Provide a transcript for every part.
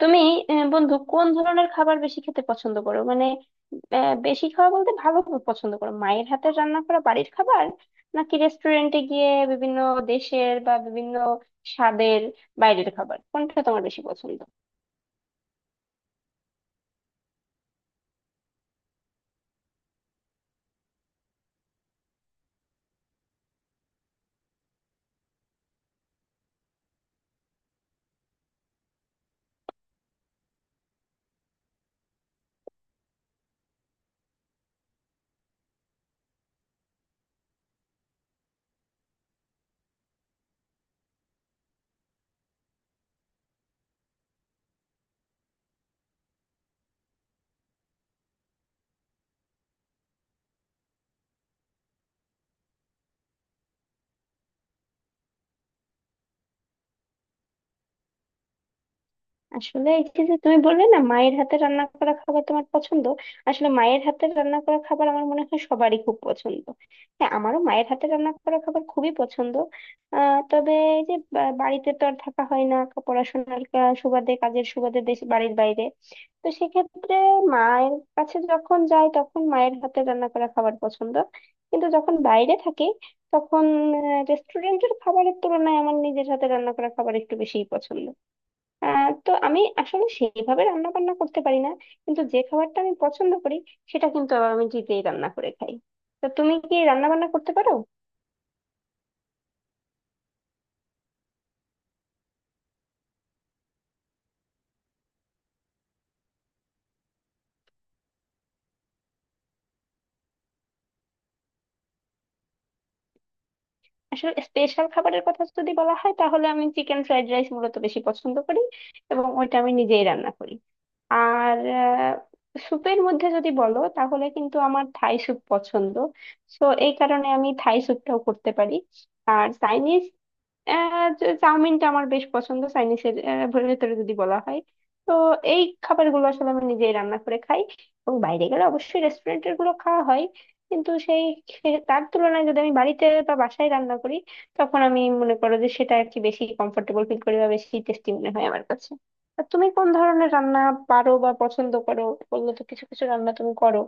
তুমি বন্ধু, কোন ধরনের খাবার বেশি খেতে পছন্দ করো? মানে বেশি খাওয়া বলতে ভালো খাবার পছন্দ করো মায়ের হাতের রান্না করা বাড়ির খাবার, নাকি রেস্টুরেন্টে গিয়ে বিভিন্ন দেশের বা বিভিন্ন স্বাদের বাইরের খাবার? কোনটা তোমার বেশি পছন্দ? আসলে এই যে যে তুমি বললে না, মায়ের হাতে রান্না করা খাবার তোমার পছন্দ। আসলে মায়ের হাতে রান্না করা খাবার আমার মনে হয় সবারই খুব পছন্দ। হ্যাঁ, আমারও মায়ের হাতে রান্না করা খাবার খুবই পছন্দ। তবে এই যে বাড়িতে তো আর থাকা হয় না, পড়াশোনার সুবাদে, কাজের সুবাদে দেশ বাড়ির বাইরে। তো সেক্ষেত্রে মায়ের কাছে যখন যাই, তখন মায়ের হাতে রান্না করা খাবার পছন্দ। কিন্তু যখন বাইরে থাকি তখন রেস্টুরেন্টের খাবারের তুলনায় আমার নিজের হাতে রান্না করা খাবার একটু বেশিই পছন্দ। তো আমি আসলে সেইভাবে রান্না বান্না করতে পারি না, কিন্তু যে খাবারটা আমি পছন্দ করি সেটা কিন্তু আবার আমি নিজেই রান্না করে খাই। তো তুমি কি রান্না বান্না করতে পারো? আসলে স্পেশাল খাবারের কথা যদি বলা হয় তাহলে আমি চিকেন ফ্রাইড রাইস মূলত বেশি পছন্দ করি, এবং ওইটা আমি নিজেই রান্না করি। আর স্যুপের মধ্যে যদি বলো তাহলে কিন্তু আমার থাই স্যুপ পছন্দ, তো এই কারণে আমি থাই স্যুপটাও করতে পারি। আর চাইনিজ আহ, চাউমিনটা আমার বেশ পছন্দ চাইনিজের ভেতরে যদি বলা হয়। তো এই খাবারগুলো আসলে আমি নিজেই রান্না করে খাই, এবং বাইরে গেলে অবশ্যই রেস্টুরেন্টের গুলো খাওয়া হয়। কিন্তু তার তুলনায় যদি আমি বাড়িতে বা বাসায় রান্না করি, তখন আমি মনে করো যে সেটা আর কি বেশি কমফোর্টেবল ফিল করি বা বেশি টেস্টি মনে হয় আমার কাছে। আর তুমি কোন ধরনের রান্না পারো বা পছন্দ করো? বললে তো কিছু কিছু রান্না তুমি করো।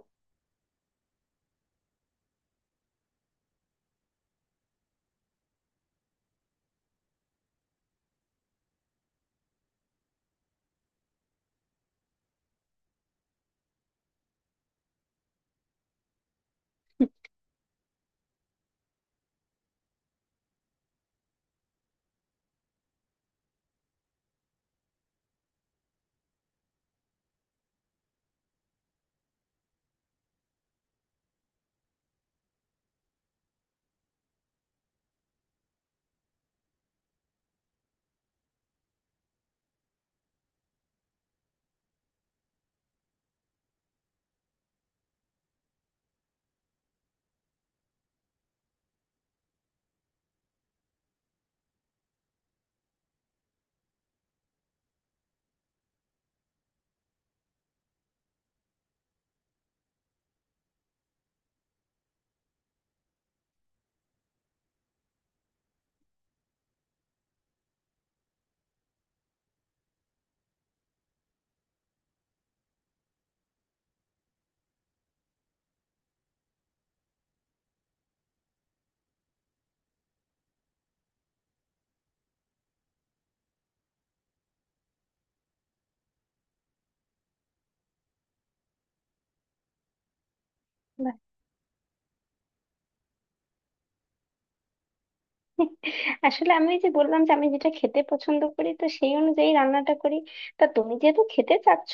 আসলে আমি ওই যে বললাম যে আমি যেটা খেতে পছন্দ করি, তো সেই অনুযায়ী রান্নাটা করি। তা তুমি যেহেতু খেতে চাচ্ছ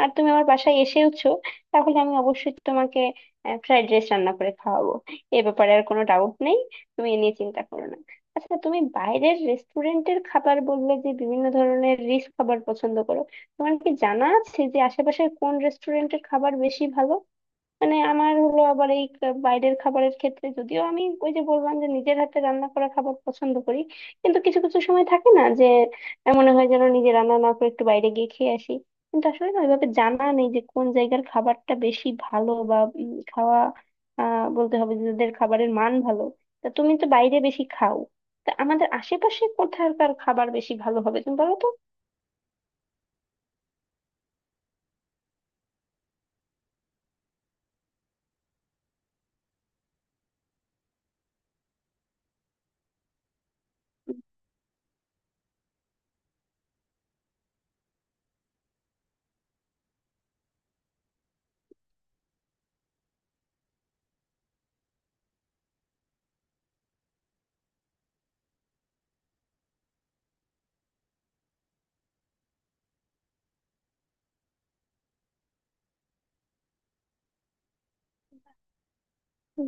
আর তুমি আমার বাসায় এসেওছো, তাহলে আমি অবশ্যই তোমাকে ফ্রাইড রাইস রান্না করে খাওয়াবো। এ ব্যাপারে আর কোনো ডাউট নেই, তুমি এ নিয়ে চিন্তা করো না। আচ্ছা, তুমি বাইরের রেস্টুরেন্টের খাবার বললে যে বিভিন্ন ধরনের রিচ খাবার পছন্দ করো। তোমার কি জানা আছে যে আশেপাশে কোন রেস্টুরেন্টের খাবার বেশি ভালো? মানে আমার হলো আবার এই বাইরের খাবারের ক্ষেত্রে, যদিও আমি ওই যে বললাম যে নিজের হাতে রান্না করা খাবার পছন্দ করি, কিন্তু কিছু কিছু সময় থাকে না যে মনে হয় যেন নিজে রান্না না করে একটু বাইরে গিয়ে খেয়ে আসি। কিন্তু আসলে না ওইভাবে জানা নেই যে কোন জায়গার খাবারটা বেশি ভালো বা খাওয়া বলতে হবে যে যাদের খাবারের মান ভালো। তা তুমি তো বাইরে বেশি খাও। তা আমাদের আশেপাশে কোথাকার খাবার বেশি ভালো হবে তুমি বলো তো?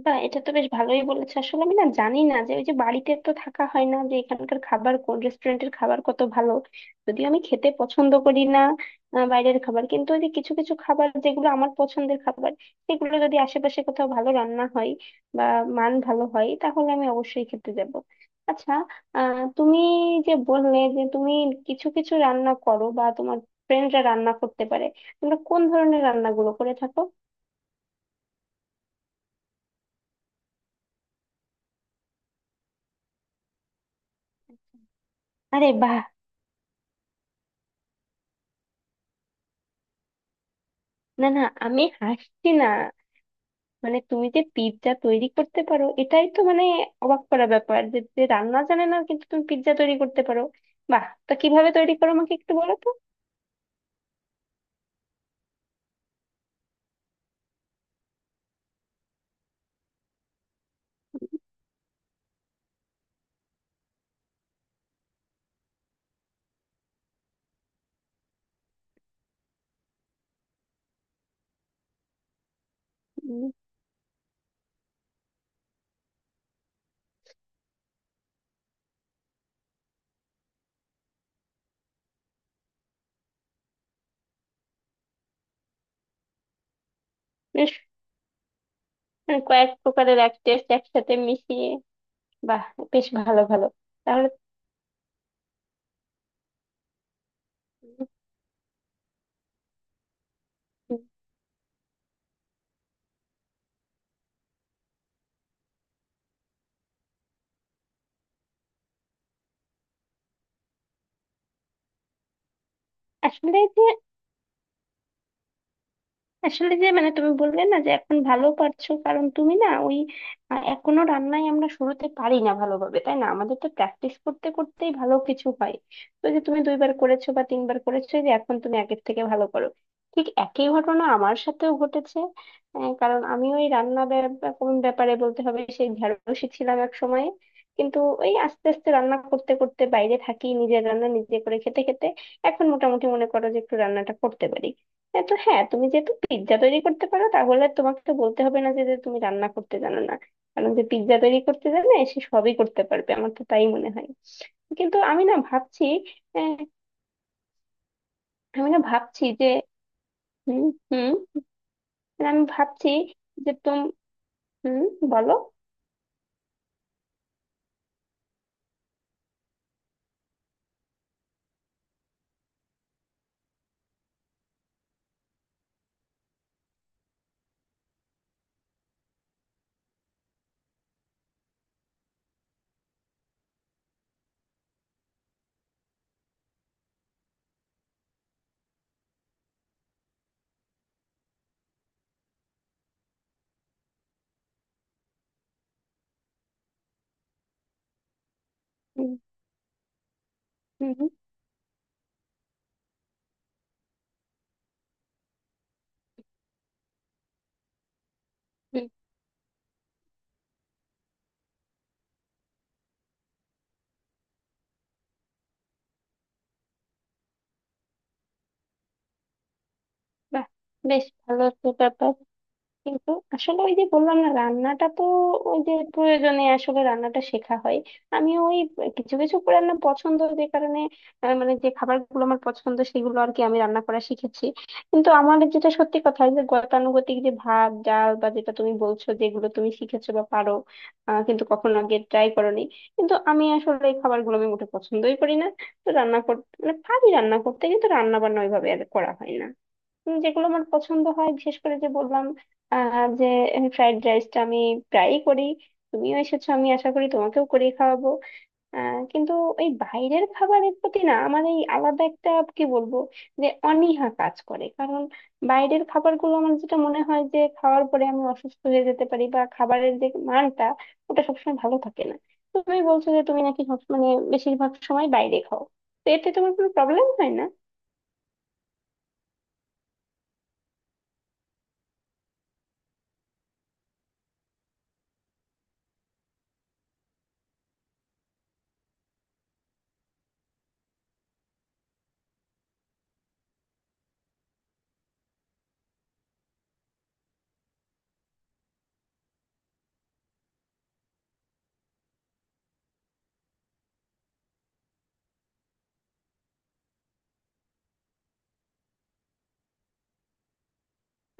বা এটা তো বেশ ভালোই বলেছে। আসলে আমি না জানি না যে ওই যে বাড়িতে তো থাকা হয় না, যে এখানকার খাবার কোন রেস্টুরেন্টের খাবার কত ভালো। যদিও আমি খেতে পছন্দ করি না বাইরের খাবার, কিন্তু ওই যে কিছু কিছু খাবার যেগুলো আমার পছন্দের খাবার, সেগুলো যদি আশেপাশে কোথাও ভালো রান্না হয় বা মান ভালো হয় তাহলে আমি অবশ্যই খেতে যাব। আচ্ছা, তুমি যে বললে যে তুমি কিছু কিছু রান্না করো বা তোমার ফ্রেন্ডরা রান্না করতে পারে, তোমরা কোন ধরনের রান্নাগুলো করে থাকো? আরে, বাহ! না না, আমি হাসছি না। মানে তুমি যে পিৎজা তৈরি করতে পারো এটাই তো মানে অবাক করা ব্যাপার, যে যে রান্না জানে না কিন্তু তুমি পিৎজা তৈরি করতে পারো। বাহ, তা কিভাবে তৈরি করো আমাকে একটু বলো তো? উম। বেশ। মানে কয়েক প্রকারের এক টেস্ট একসাথে মিশিয়ে? বাহ। বেশ ভালো, ভালো। তাহলে। উম। আসলে যে, মানে তুমি বললে না যে এখন ভালো পারছো, কারণ তুমি না ওই এখনো রান্নায় আমরা শুরুতে পারি না ভালোভাবে, তাই না? আমাদের তো প্র্যাকটিস করতে করতেই ভালো কিছু হয়। তো যে তুমি দুইবার করেছো বা তিনবার করেছো এই যে এখন তুমি আগের থেকে ভালো করো। ঠিক একই ঘটনা আমার সাথেও ঘটেছে। কারণ আমি ওই কোন ব্যাপারে বলতে হবে, সেই ঢেড়সই ছিলাম এক সময়। কিন্তু ওই আস্তে আস্তে রান্না করতে করতে বাইরে থাকি নিজের রান্না নিজে করে খেতে খেতে, এখন মোটামুটি মনে করো যে একটু রান্নাটা করতে পারি। হ্যাঁ, তো হ্যাঁ, তুমি যেহেতু পিৎজা তৈরি করতে পারো তাহলে তোমাকে তো বলতে হবে না যে যে তুমি রান্না করতে জানো না। কারণ যে পিৎজা তৈরি করতে জানে সে সবই করতে পারবে, আমার তো তাই মনে হয়। কিন্তু আমি না ভাবছি। আহ, আমি না ভাবছি যে। হুম। হুম। মানে আমি ভাবছি যে তুমি। হুম, বলো। হুম। হুম। হুম। হুম। বাহ, বেশ ভালো একটা ব্যাপার। কিন্তু আসলে ওই যে বললাম না রান্নাটা তো ওই যে প্রয়োজনে আসলে রান্নাটা শেখা হয়। আমি ওই কিছু কিছু রান্না পছন্দ যে কারণে, মানে যে খাবারগুলো আমার পছন্দ সেগুলো আর কি আমি রান্না করা শিখেছি। কিন্তু আমার যেটা সত্যি কথা, যে গতানুগতিক যে ভাত ডাল বা যেটা তুমি বলছো যেগুলো তুমি শিখেছো বা পারো, কিন্তু কখনো আগে ট্রাই করোনি। কিন্তু আমি আসলে এই খাবারগুলো আমি মোটে পছন্দই করি না। তো রান্না করতে মানে পারি রান্না করতে, কিন্তু রান্না বান্না ওইভাবে আর করা হয় না। যেগুলো আমার পছন্দ হয় বিশেষ করে যে বললাম যে ফ্রাইড রাইসটা আমি প্রায়ই করি। তুমিও এসেছো, আমি আশা করি তোমাকেও করে খাওয়াবো। আহ, কিন্তু এই বাইরের খাবারের প্রতি না আমার এই আলাদা একটা কি বলবো যে অনীহা কাজ করে, কারণ বাইরের খাবারগুলো আমার যেটা মনে হয় যে খাওয়ার পরে আমি অসুস্থ হয়ে যেতে পারি বা খাবারের যে মানটা ওটা সবসময় ভালো থাকে না। তুমি বলছো যে তুমি নাকি মানে বেশিরভাগ সময় বাইরে খাও, তো এতে তোমার কোনো প্রবলেম হয় না?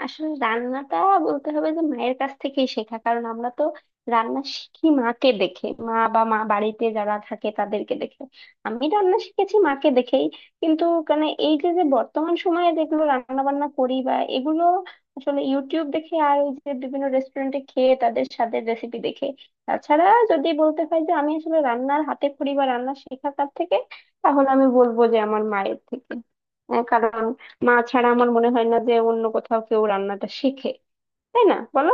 আসলে রান্নাটা বলতে হবে যে মায়ের কাছ থেকেই শেখা, কারণ আমরা তো রান্না শিখি মাকে দেখে, মা বা মা বাড়িতে যারা থাকে তাদেরকে দেখে। আমি রান্না শিখেছি মাকে দেখেই। কিন্তু মানে এই যে যে বর্তমান সময়ে যেগুলো রান্না বান্না করি বা এগুলো আসলে ইউটিউব দেখে আর ওই যে বিভিন্ন রেস্টুরেন্টে খেয়ে তাদের স্বাদের রেসিপি দেখে। তাছাড়া যদি বলতে হয় যে আমি আসলে রান্নার হাতে খড়ি বা রান্না শেখা কার থেকে, তাহলে আমি বলবো যে আমার মায়ের থেকে। কারণ মা ছাড়া আমার মনে হয় না যে অন্য কোথাও কেউ রান্নাটা শেখে, তাই না বলো?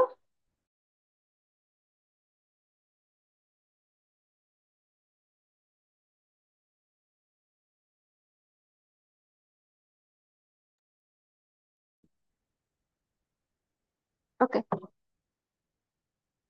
ওকে।